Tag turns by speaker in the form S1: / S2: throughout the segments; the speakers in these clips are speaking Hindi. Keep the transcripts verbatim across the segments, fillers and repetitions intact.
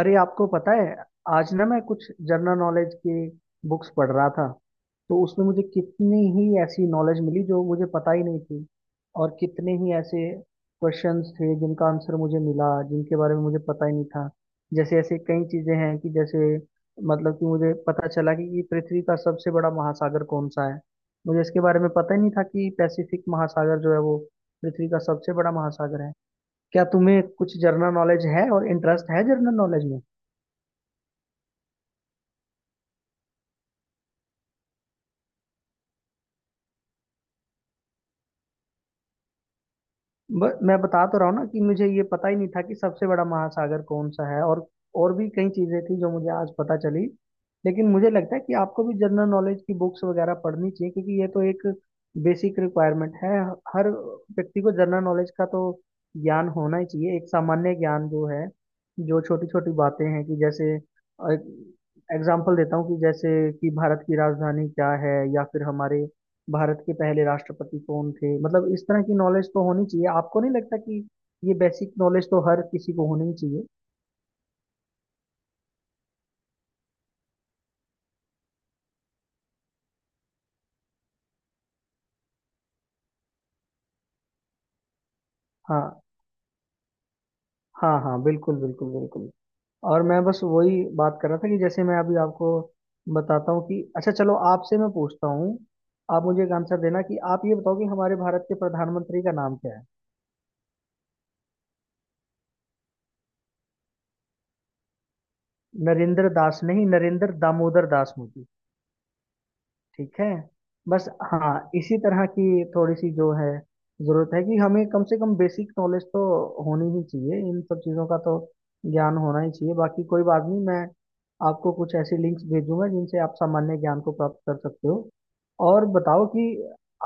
S1: अरे आपको पता है, आज ना मैं कुछ जनरल नॉलेज की बुक्स पढ़ रहा था। तो उसमें मुझे कितनी ही ऐसी नॉलेज मिली जो मुझे पता ही नहीं थी। और कितने ही ऐसे क्वेश्चंस थे जिनका आंसर मुझे मिला, जिनके बारे में मुझे पता ही नहीं था। जैसे ऐसे कई चीजें हैं कि जैसे, मतलब कि मुझे पता चला कि कि पृथ्वी का सबसे बड़ा महासागर कौन सा है। मुझे इसके बारे में पता ही नहीं था कि पैसिफिक महासागर जो है वो पृथ्वी का सबसे बड़ा महासागर है। क्या तुम्हें कुछ जनरल नॉलेज है, और इंटरेस्ट है जनरल नॉलेज में? ब- मैं बता तो रहा हूँ ना कि मुझे ये पता ही नहीं था कि सबसे बड़ा महासागर कौन सा है। और और भी कई चीजें थी जो मुझे आज पता चली। लेकिन मुझे लगता है कि आपको भी जनरल नॉलेज की बुक्स वगैरह पढ़नी चाहिए, क्योंकि ये तो एक बेसिक रिक्वायरमेंट है। हर व्यक्ति को जनरल नॉलेज का तो ज्ञान होना ही चाहिए। एक सामान्य ज्ञान जो है, जो छोटी छोटी बातें हैं कि जैसे, एग्जाम्पल देता हूँ कि जैसे, कि भारत की राजधानी क्या है, या फिर हमारे भारत के पहले राष्ट्रपति कौन थे। मतलब इस तरह की नॉलेज तो होनी चाहिए। आपको नहीं लगता कि ये बेसिक नॉलेज तो हर किसी को होनी ही चाहिए? हाँ। हाँ हाँ, बिल्कुल बिल्कुल बिल्कुल। और मैं बस वही बात कर रहा था कि जैसे मैं अभी आपको बताता हूँ कि अच्छा चलो, आपसे मैं पूछता हूँ। आप मुझे एक आंसर देना कि आप ये बताओ कि हमारे भारत के प्रधानमंत्री का नाम क्या है? नरेंद्र दास नहीं, नरेंद्र दामोदर दास मोदी। ठीक है। बस हाँ, इसी तरह की थोड़ी सी जो है जरूरत है कि हमें कम से कम बेसिक नॉलेज तो होनी ही चाहिए। इन सब चीज़ों का तो ज्ञान होना ही चाहिए। बाकी कोई बात नहीं, मैं आपको कुछ ऐसी लिंक्स भेजूंगा जिनसे आप सामान्य ज्ञान को प्राप्त कर सकते हो। और बताओ कि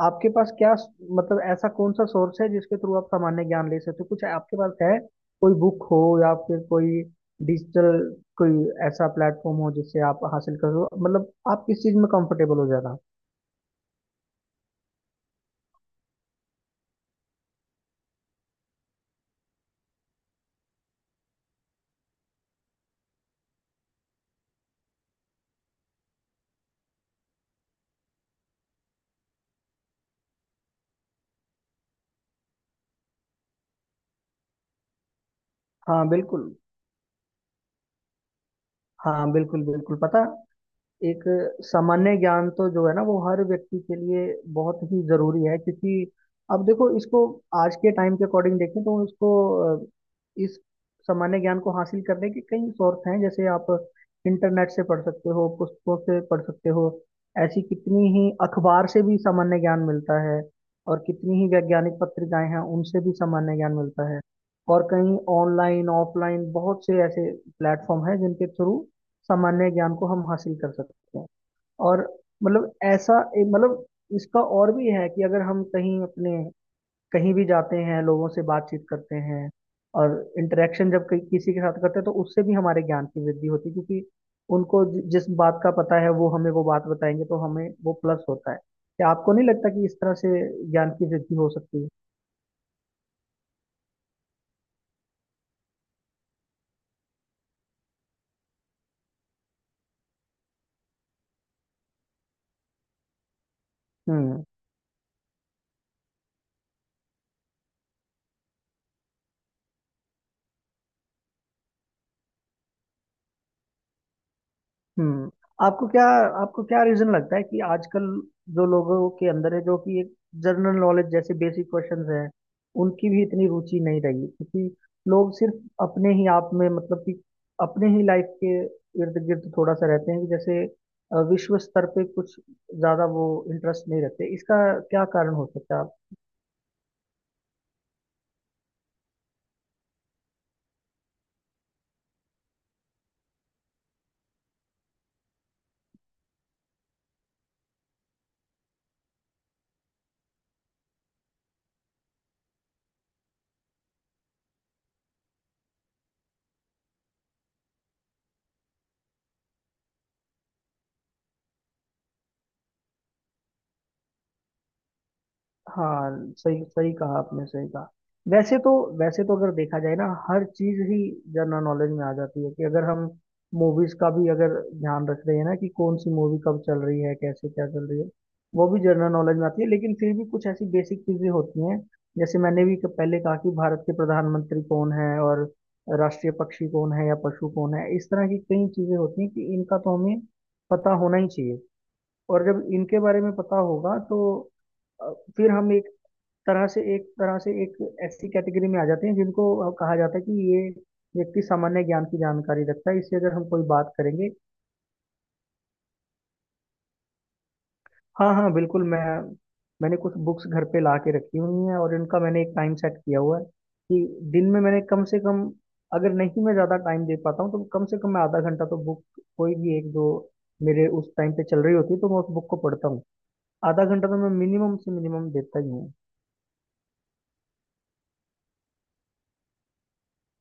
S1: आपके पास क्या, मतलब ऐसा कौन सा सोर्स है जिसके थ्रू आप सामान्य ज्ञान ले सकते हो? कुछ आपके पास है? कोई बुक हो या फिर कोई डिजिटल कोई ऐसा प्लेटफॉर्म हो जिससे आप हासिल करो, मतलब आप किस चीज में कंफर्टेबल हो ज्यादा? हाँ बिल्कुल। हाँ बिल्कुल बिल्कुल पता। एक सामान्य ज्ञान तो जो है ना वो हर व्यक्ति के लिए बहुत ही जरूरी है, क्योंकि अब देखो इसको, आज के टाइम के अकॉर्डिंग देखें तो इसको, अ, इस सामान्य ज्ञान को हासिल करने के कई सोर्स हैं। जैसे आप इंटरनेट से पढ़ सकते हो, पुस्तकों से पढ़ सकते हो। ऐसी कितनी ही अखबार से भी सामान्य ज्ञान मिलता है। और कितनी ही वैज्ञानिक पत्रिकाएं हैं, उनसे भी सामान्य ज्ञान मिलता है। और कहीं ऑनलाइन ऑफलाइन बहुत से ऐसे प्लेटफॉर्म हैं जिनके थ्रू सामान्य ज्ञान को हम हासिल कर सकते हैं। और मतलब ऐसा एक, मतलब इसका और भी है कि अगर हम कहीं अपने, कहीं भी जाते हैं, लोगों से बातचीत करते हैं और इंटरेक्शन जब कहीं किसी के साथ करते हैं, तो उससे भी हमारे ज्ञान की वृद्धि होती है। क्योंकि उनको जि- जिस बात का पता है वो हमें वो बात बताएंगे तो हमें वो प्लस होता है। क्या आपको नहीं लगता कि इस तरह से ज्ञान की वृद्धि हो सकती है? हम्म हम्म। आपको क्या, आपको क्या रीजन लगता है कि आजकल जो लोगों के अंदर है, जो कि एक जनरल नॉलेज जैसे बेसिक क्वेश्चंस हैं, उनकी भी इतनी रुचि नहीं रही? क्योंकि लोग सिर्फ अपने ही आप में, मतलब कि अपने ही लाइफ के इर्द गिर्द थोड़ा सा रहते हैं कि जैसे अ, विश्व स्तर पे कुछ ज्यादा वो इंटरेस्ट नहीं रखते इसका। क्या कारण हो सकता है? हाँ, सही सही कहा आपने, सही कहा। वैसे तो, वैसे तो अगर देखा जाए ना हर चीज ही जनरल नॉलेज में आ जाती है। कि अगर हम मूवीज का भी अगर ध्यान रख रहे हैं ना कि कौन सी मूवी कब चल रही है, कैसे क्या चल रही है, वो भी जनरल नॉलेज में आती है। लेकिन फिर भी कुछ ऐसी बेसिक चीजें होती हैं, जैसे मैंने भी क- पहले कहा कि भारत के प्रधानमंत्री कौन है, और राष्ट्रीय पक्षी कौन है या पशु कौन है। इस तरह की कई चीजें होती हैं कि इनका तो हमें पता होना ही चाहिए। और जब इनके बारे में पता होगा तो अ, फिर हम एक तरह से, एक तरह से एक ऐसी कैटेगरी में आ जाते हैं जिनको कहा जाता है कि ये व्यक्ति सामान्य ज्ञान की जानकारी रखता है। इससे अगर हम कोई बात करेंगे। हाँ हाँ बिल्कुल। मैं, मैंने कुछ बुक्स घर पे ला के रखी हुई हैं और इनका मैंने एक टाइम सेट किया हुआ है कि दिन में मैंने कम से कम, अगर नहीं मैं ज़्यादा टाइम दे पाता हूँ तो कम से कम मैं आधा घंटा तो बुक, कोई भी एक जो मेरे उस टाइम पे चल रही होती है तो मैं उस बुक को पढ़ता हूँ। आधा घंटा तो मैं मिनिमम से मिनिमम देता ही हूँ।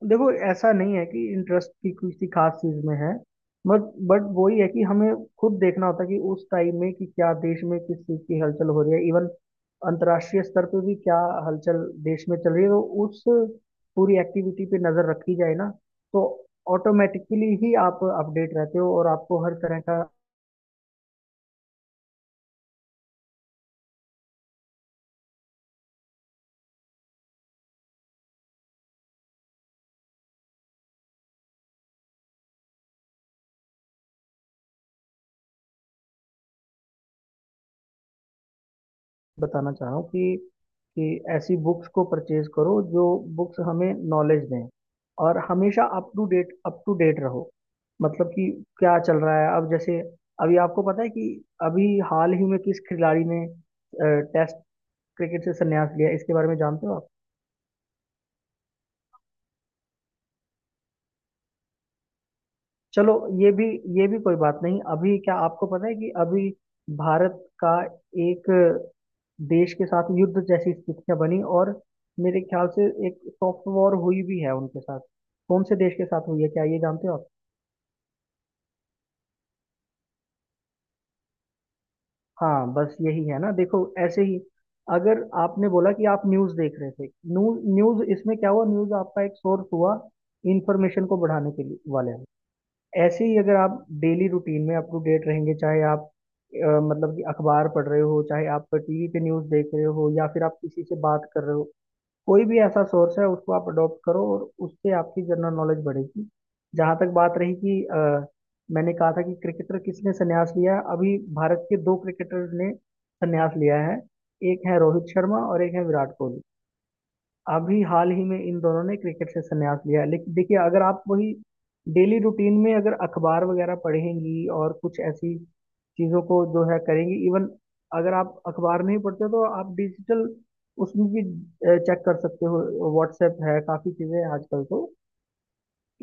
S1: देखो ऐसा नहीं है कि इंटरेस्ट की किसी खास चीज में है। बट बट वही है कि हमें खुद देखना होता है कि उस टाइम में कि क्या देश में किस चीज की हलचल हो रही है, इवन अंतर्राष्ट्रीय स्तर पे भी क्या हलचल देश में चल रही है। तो उस पूरी एक्टिविटी पे नजर रखी जाए ना, तो ऑटोमेटिकली ही आप अपडेट रहते हो और आपको हर तरह का बताना चाह रहा हूँ कि कि ऐसी बुक्स को परचेज करो जो बुक्स हमें नॉलेज दें। और हमेशा up to date, up to date रहो। मतलब कि क्या चल रहा है, अब जैसे अभी आपको पता है कि अभी हाल ही में किस खिलाड़ी ने टेस्ट क्रिकेट से संन्यास लिया, इसके बारे में जानते हो आप? चलो, ये भी, ये भी कोई बात नहीं। अभी क्या आपको पता है कि अभी भारत का एक देश के साथ युद्ध जैसी स्थितियां बनी, और मेरे ख्याल से एक सॉफ्ट वॉर हुई भी है उनके साथ? कौन से देश के साथ हुई है, क्या ये जानते हो आप? हाँ, बस यही है ना देखो। ऐसे ही, अगर आपने बोला कि आप न्यूज़ देख रहे थे, न्यूज़, न्यूज़ इसमें क्या हुआ, न्यूज़ आपका एक सोर्स हुआ इंफॉर्मेशन को बढ़ाने के लिए वाले। ऐसे ही अगर आप डेली रूटीन में अप टू डेट रहेंगे, चाहे आप अ, मतलब कि अखबार पढ़ रहे हो, चाहे आप टीवी पे न्यूज़ देख रहे हो, या फिर आप किसी से बात कर रहे हो, कोई भी ऐसा सोर्स है उसको आप अडॉप्ट करो और उससे आपकी जनरल नॉलेज बढ़ेगी। जहाँ तक बात रही कि अ, मैंने कहा था कि क्रिकेटर किसने संन्यास लिया है, अभी भारत के दो क्रिकेटर ने संन्यास लिया है। एक है रोहित शर्मा और एक है विराट कोहली। अभी हाल ही में इन दोनों ने क्रिकेट से संन्यास लिया है। लेकिन देखिए, अगर आप वही डेली रूटीन में अगर अखबार वगैरह पढ़ेंगी और कुछ ऐसी चीजों को जो है करेंगी, इवन अगर आप अखबार नहीं पढ़ते तो आप डिजिटल उसमें भी चेक कर सकते हो। व्हाट्सएप है, काफी चीजें हैं आजकल तो,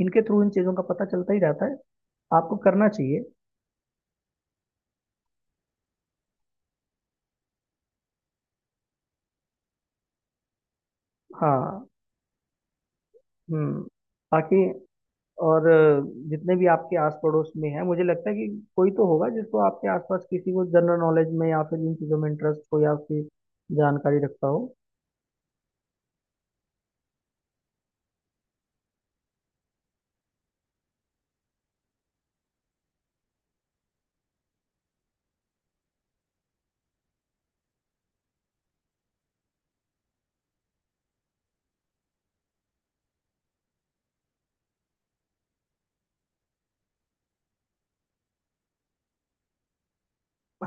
S1: इनके थ्रू इन चीजों का पता चलता ही रहता है। आपको करना चाहिए। हाँ। हम्म। बाकी और अ, जितने भी आपके आस पड़ोस में है, मुझे लगता है कि कोई तो होगा जिसको आपके आसपास, किसी को जनरल नॉलेज में या फिर इन चीज़ों में इंटरेस्ट हो या फिर जानकारी रखता हो।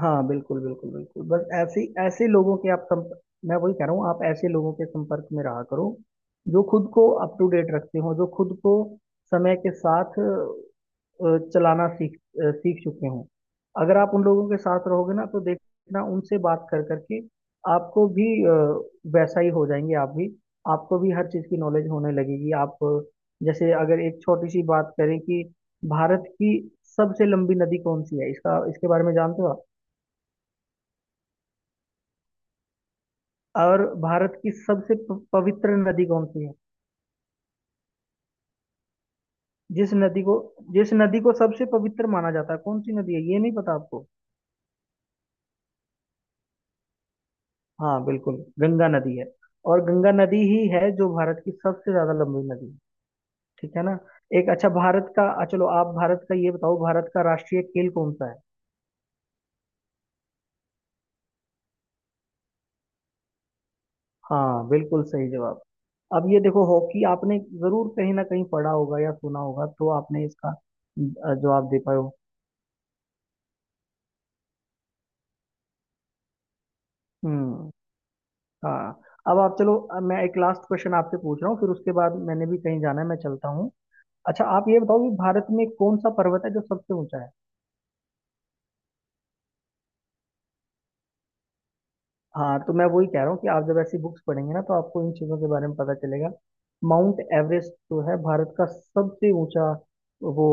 S1: हाँ बिल्कुल बिल्कुल बिल्कुल, बस ऐसे, ऐसे लोगों के आप संपर्क, मैं वही कह रहा हूँ, आप ऐसे लोगों के संपर्क में रहा करो जो खुद को अप टू डेट रखते हो, जो खुद को समय के साथ अ, चलाना सीख, अ, सीख चुके हों। अगर आप उन लोगों के साथ रहोगे ना तो देखना, उनसे बात कर करके आपको भी अ, वैसा ही हो जाएंगे आप भी। आपको भी हर चीज़ की नॉलेज होने लगेगी। आप अ, जैसे अगर एक छोटी सी बात करें कि भारत की सबसे लंबी नदी कौन सी है, इसका, इसके बारे में जानते हो आप? और भारत की सबसे प- पवित्र नदी कौन सी है? जिस नदी को, जिस नदी को सबसे पवित्र माना जाता है, कौन सी नदी है, ये नहीं पता आपको? हाँ बिल्कुल, गंगा नदी है। और गंगा नदी ही है जो भारत की सबसे ज्यादा लंबी नदी है। ठीक है ना। एक अच्छा भारत का, आ, चलो आप भारत का ये बताओ, भारत का राष्ट्रीय खेल कौन सा है? हाँ बिल्कुल सही जवाब। अब ये देखो, हॉकी आपने जरूर कहीं ना कहीं पढ़ा होगा या सुना होगा, तो आपने इसका अ, जवाब दे पाए हो। हम्म। हाँ। अब आप चलो, अब मैं एक लास्ट क्वेश्चन आपसे पूछ रहा हूँ, फिर उसके बाद मैंने भी कहीं जाना है, मैं चलता हूँ। अच्छा आप ये बताओ कि भारत में कौन सा पर्वत है जो सबसे ऊंचा है? हाँ, तो मैं वही कह रहा हूँ कि आप जब ऐसी बुक्स पढ़ेंगे ना तो आपको इन चीज़ों के बारे में पता चलेगा। माउंट एवरेस्ट जो है भारत का सबसे ऊंचा वो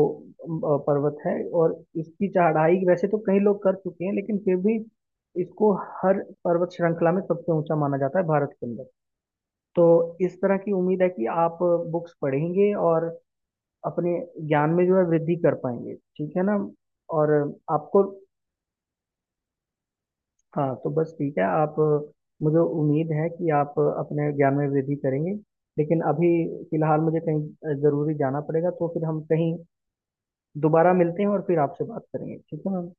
S1: अ, पर्वत है। और इसकी चढ़ाई वैसे तो कई लोग कर चुके हैं लेकिन फिर भी इसको हर पर्वत श्रृंखला में सबसे ऊंचा माना जाता है, भारत के अंदर। तो इस तरह की उम्मीद है कि आप बुक्स पढ़ेंगे और अपने ज्ञान में जो है वृद्धि कर पाएंगे, ठीक है ना। और आपको, हाँ तो बस ठीक है आप, मुझे उम्मीद है कि आप अपने ज्ञान में वृद्धि करेंगे। लेकिन अभी फिलहाल मुझे कहीं ज़रूरी जाना पड़ेगा, तो फिर हम कहीं दोबारा मिलते हैं और फिर आपसे बात करेंगे, ठीक है मैम।